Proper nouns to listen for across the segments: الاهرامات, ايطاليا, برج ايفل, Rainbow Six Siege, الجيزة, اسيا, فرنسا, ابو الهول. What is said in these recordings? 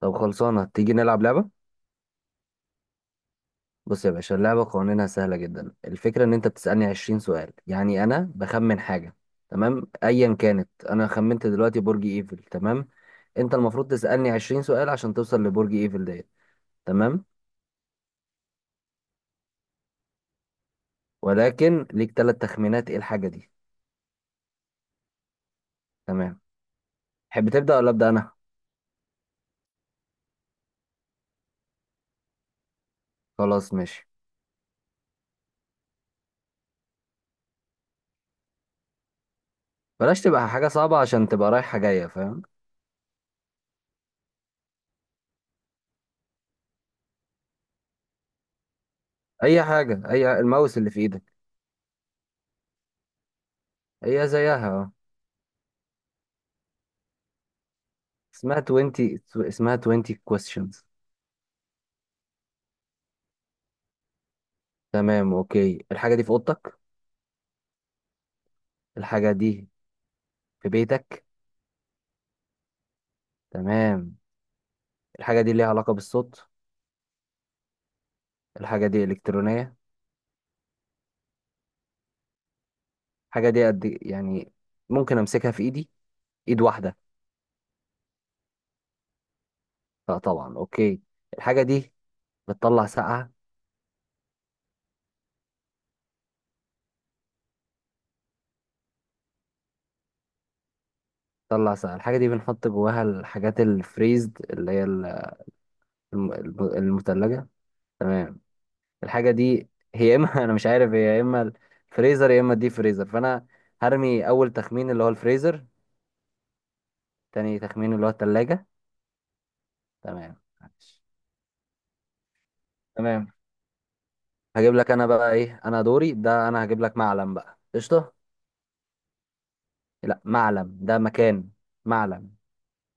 طب خلصانة، تيجي نلعب لعبة؟ بص يا باشا، اللعبة قوانينها سهلة جدا. الفكرة ان انت بتسألني 20 سؤال، يعني انا بخمن حاجة، تمام؟ ايا كانت، انا خمنت دلوقتي برج ايفل، تمام. انت المفروض تسألني 20 سؤال عشان توصل لبرج ايفل ديت، تمام. ولكن ليك ثلاث تخمينات، ايه الحاجة دي؟ تمام. تحب تبدأ ولا أبدأ انا؟ خلاص ماشي. بلاش تبقى حاجة صعبة عشان تبقى رايحة جاية، فاهم؟ اي حاجة. اي الماوس اللي في ايدك. هي زيها، اه. اسمها 20. اسمها 20 questions. تمام، اوكي. الحاجة دي في اوضتك؟ الحاجة دي في بيتك؟ تمام. الحاجة دي ليها علاقة بالصوت؟ الحاجة دي الكترونية؟ الحاجة دي قد، يعني، ممكن امسكها في ايدي؟ ايد واحدة؟ لا طبعا، اوكي. الحاجة دي بتطلع سقعة؟ بتطلع سقعة. الحاجة دي بنحط جواها الحاجات الفريزد اللي هي المتلجة. تمام. الحاجة دي هي يا اما انا مش عارف، هي يا اما الفريزر يا اما الديب فريزر، فانا هرمي اول تخمين اللي هو الفريزر. تاني تخمين اللي هو التلاجة. تمام، معلش. تمام، هجيب لك انا بقى ايه. انا دوري ده، انا هجيب لك معلم، بقى قشطه. لا، معلم ده مكان. معلم.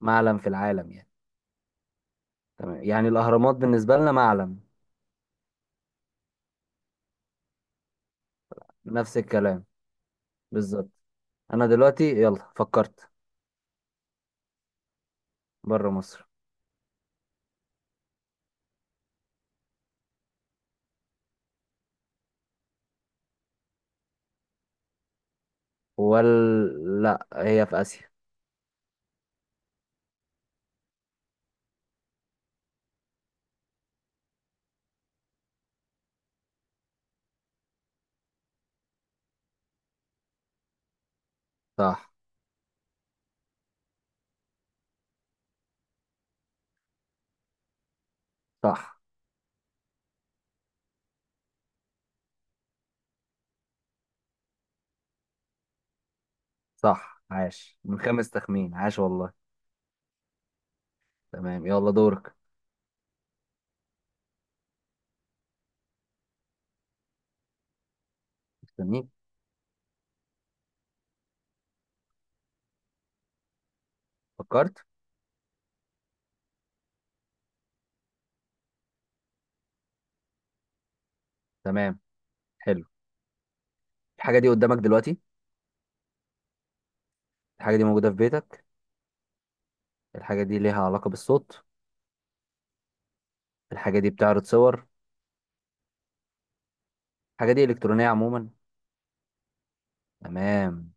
معلم في العالم يعني. تمام، يعني الاهرامات بالنسبه لنا معلم. نفس الكلام، بالظبط. انا دلوقتي، يلا فكرت. بره مصر. ولا لا هي في اسيا. صح، صح، صح، عاش من خمس تخمين، عاش والله. تمام، يلا دورك. مستنيك. فكرت؟ تمام، حلو. الحاجه دي قدامك دلوقتي؟ الحاجه دي موجوده في بيتك؟ الحاجة دي ليها علاقة بالصوت؟ الحاجة دي بتعرض صور؟ الحاجة دي إلكترونية عموما؟ تمام.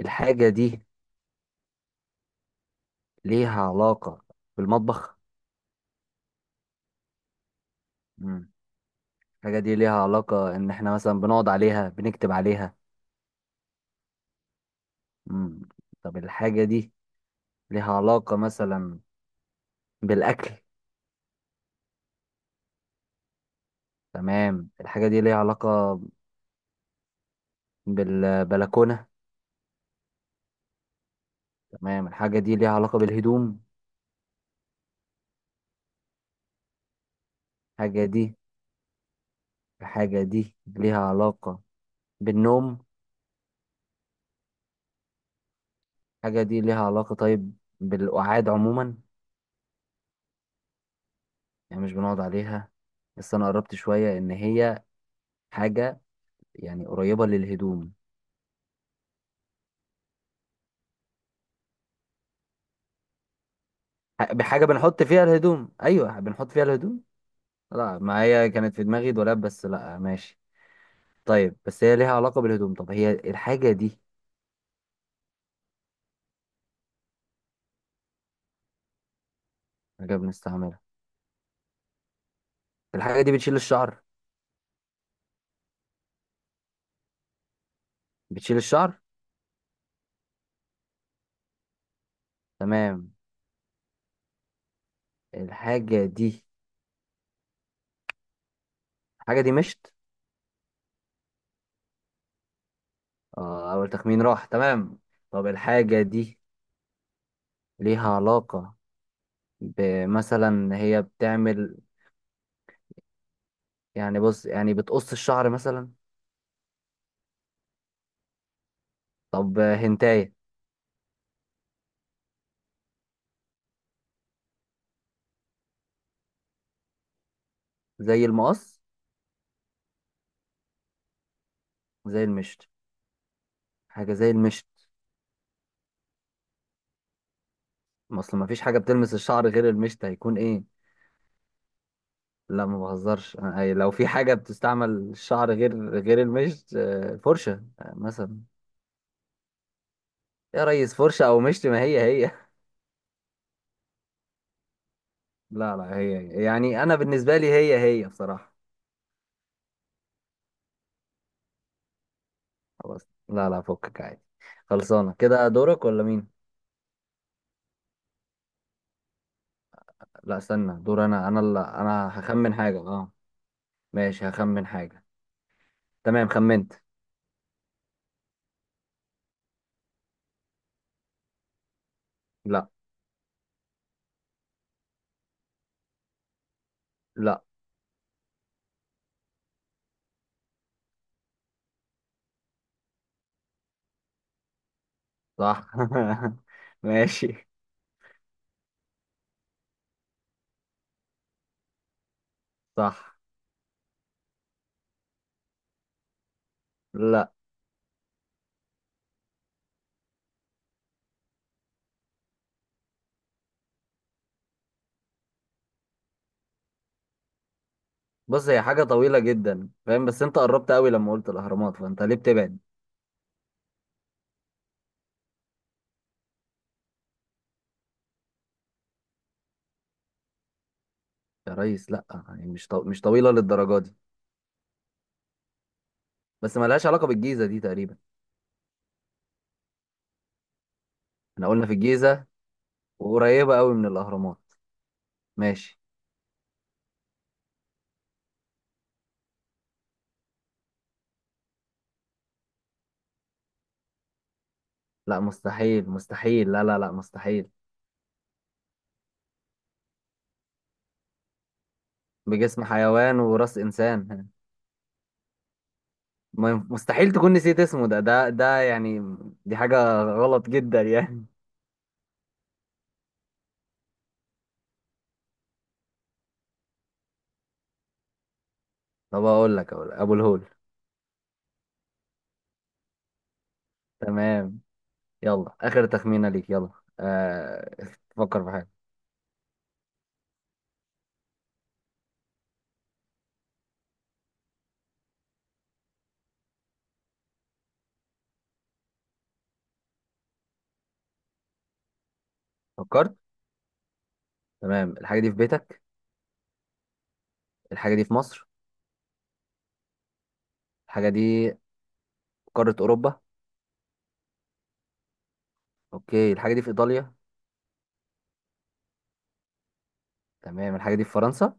الحاجة دي ليها علاقة بالمطبخ؟ مم. الحاجة دي ليها علاقة إن إحنا مثلا بنقعد عليها، بنكتب عليها؟ مم. طب الحاجة دي ليها علاقة مثلا بالأكل؟ تمام. الحاجة دي ليها علاقة بالبلكونة؟ تمام. الحاجة دي ليها علاقة بالهدوم؟ الحاجة دي الحاجة دي ليها علاقة بالنوم؟ الحاجة دي ليها علاقة، طيب، بالقعاد عموما؟ يعني مش بنقعد عليها، بس انا قربت شوية ان هي حاجة يعني قريبة للهدوم. بحاجة بنحط فيها الهدوم، ايوه، بنحط فيها الهدوم. لا، ما هي كانت في دماغي دولاب، بس لا، ماشي. طيب، بس هي ليها علاقة بالهدوم. طب هي الحاجة دي. حاجة بنستعملها. الحاجة دي بتشيل الشعر؟ بتشيل الشعر. تمام. الحاجة دي الحاجة دي مشت؟ اه، اول تخمين راح، تمام. طب الحاجة دي ليها علاقة بمثلا، هي بتعمل. يعني بص، يعني بتقص الشعر مثلا؟ طب هنتاية؟ زي المقص؟ زي المشط. حاجة زي المشط. ما اصل، ما فيش حاجة بتلمس الشعر غير المشط، هيكون ايه؟ لا ما بهزرش، أي لو في حاجة بتستعمل الشعر غير المشط، آه، فرشة، آه، مثلا. يا ريس، فرشة او مشط، ما هي هي. لا، لا، هي هي. يعني انا بالنسبة لي هي هي بصراحة. خلاص، لا، لا، فكك عادي. خلصانة كده، دورك ولا مين؟ لا، استنى، دور انا اللي انا هخمن حاجة، اه. ماشي، هخمن حاجة. تمام، خمنت. لا. لا. صح. ماشي. صح. لا. بص، هي حاجة طويلة جدا، فاهم؟ بس انت قربت قوي لما قلت الاهرامات، فانت ليه بتبعد؟ يا ريس، لا يعني، مش طويلة للدرجة دي. بس ما لهاش علاقة بالجيزة دي تقريبا. احنا قلنا في الجيزة، وقريبة قوي من الاهرامات، ماشي. لا، مستحيل، مستحيل، لا، لا، لا، مستحيل. بجسم حيوان وراس انسان. ما ينف- مستحيل تكون نسيت اسمه، ده يعني. دي حاجة غلط جدا يعني. طب اقول لك، ابو الهول. تمام. يلا آخر تخمينة ليك، يلا. آه... فكر في حاجة. فكرت؟ تمام. الحاجة دي في بيتك؟ الحاجة دي في مصر؟ الحاجة دي في قارة أوروبا؟ أوكي. الحاجة دي في إيطاليا؟ تمام. الحاجة دي في فرنسا؟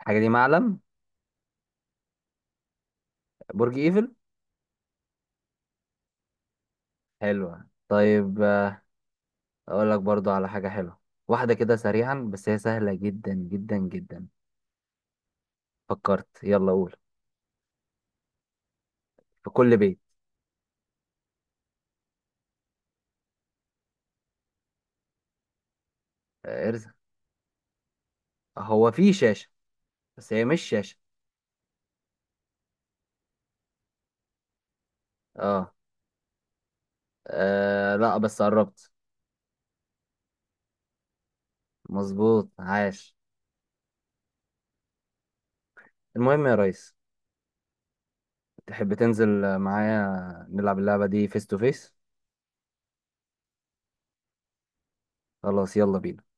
الحاجة دي معلم؟ برج إيفل؟ حلوة، طيب. أقول لك برضو على حاجة حلوة. واحدة كده سريعا، بس هي سهلة جدا جدا جدا. فكرت؟ يلا قول. في كل بيت. ارزق. هو في شاشة، بس هي مش شاشة. اه، لا، بس قربت. مظبوط، عاش. المهم يا ريس. تحب تنزل معايا نلعب اللعبة دي فيس تو فيس؟ خلاص، يلا بينا.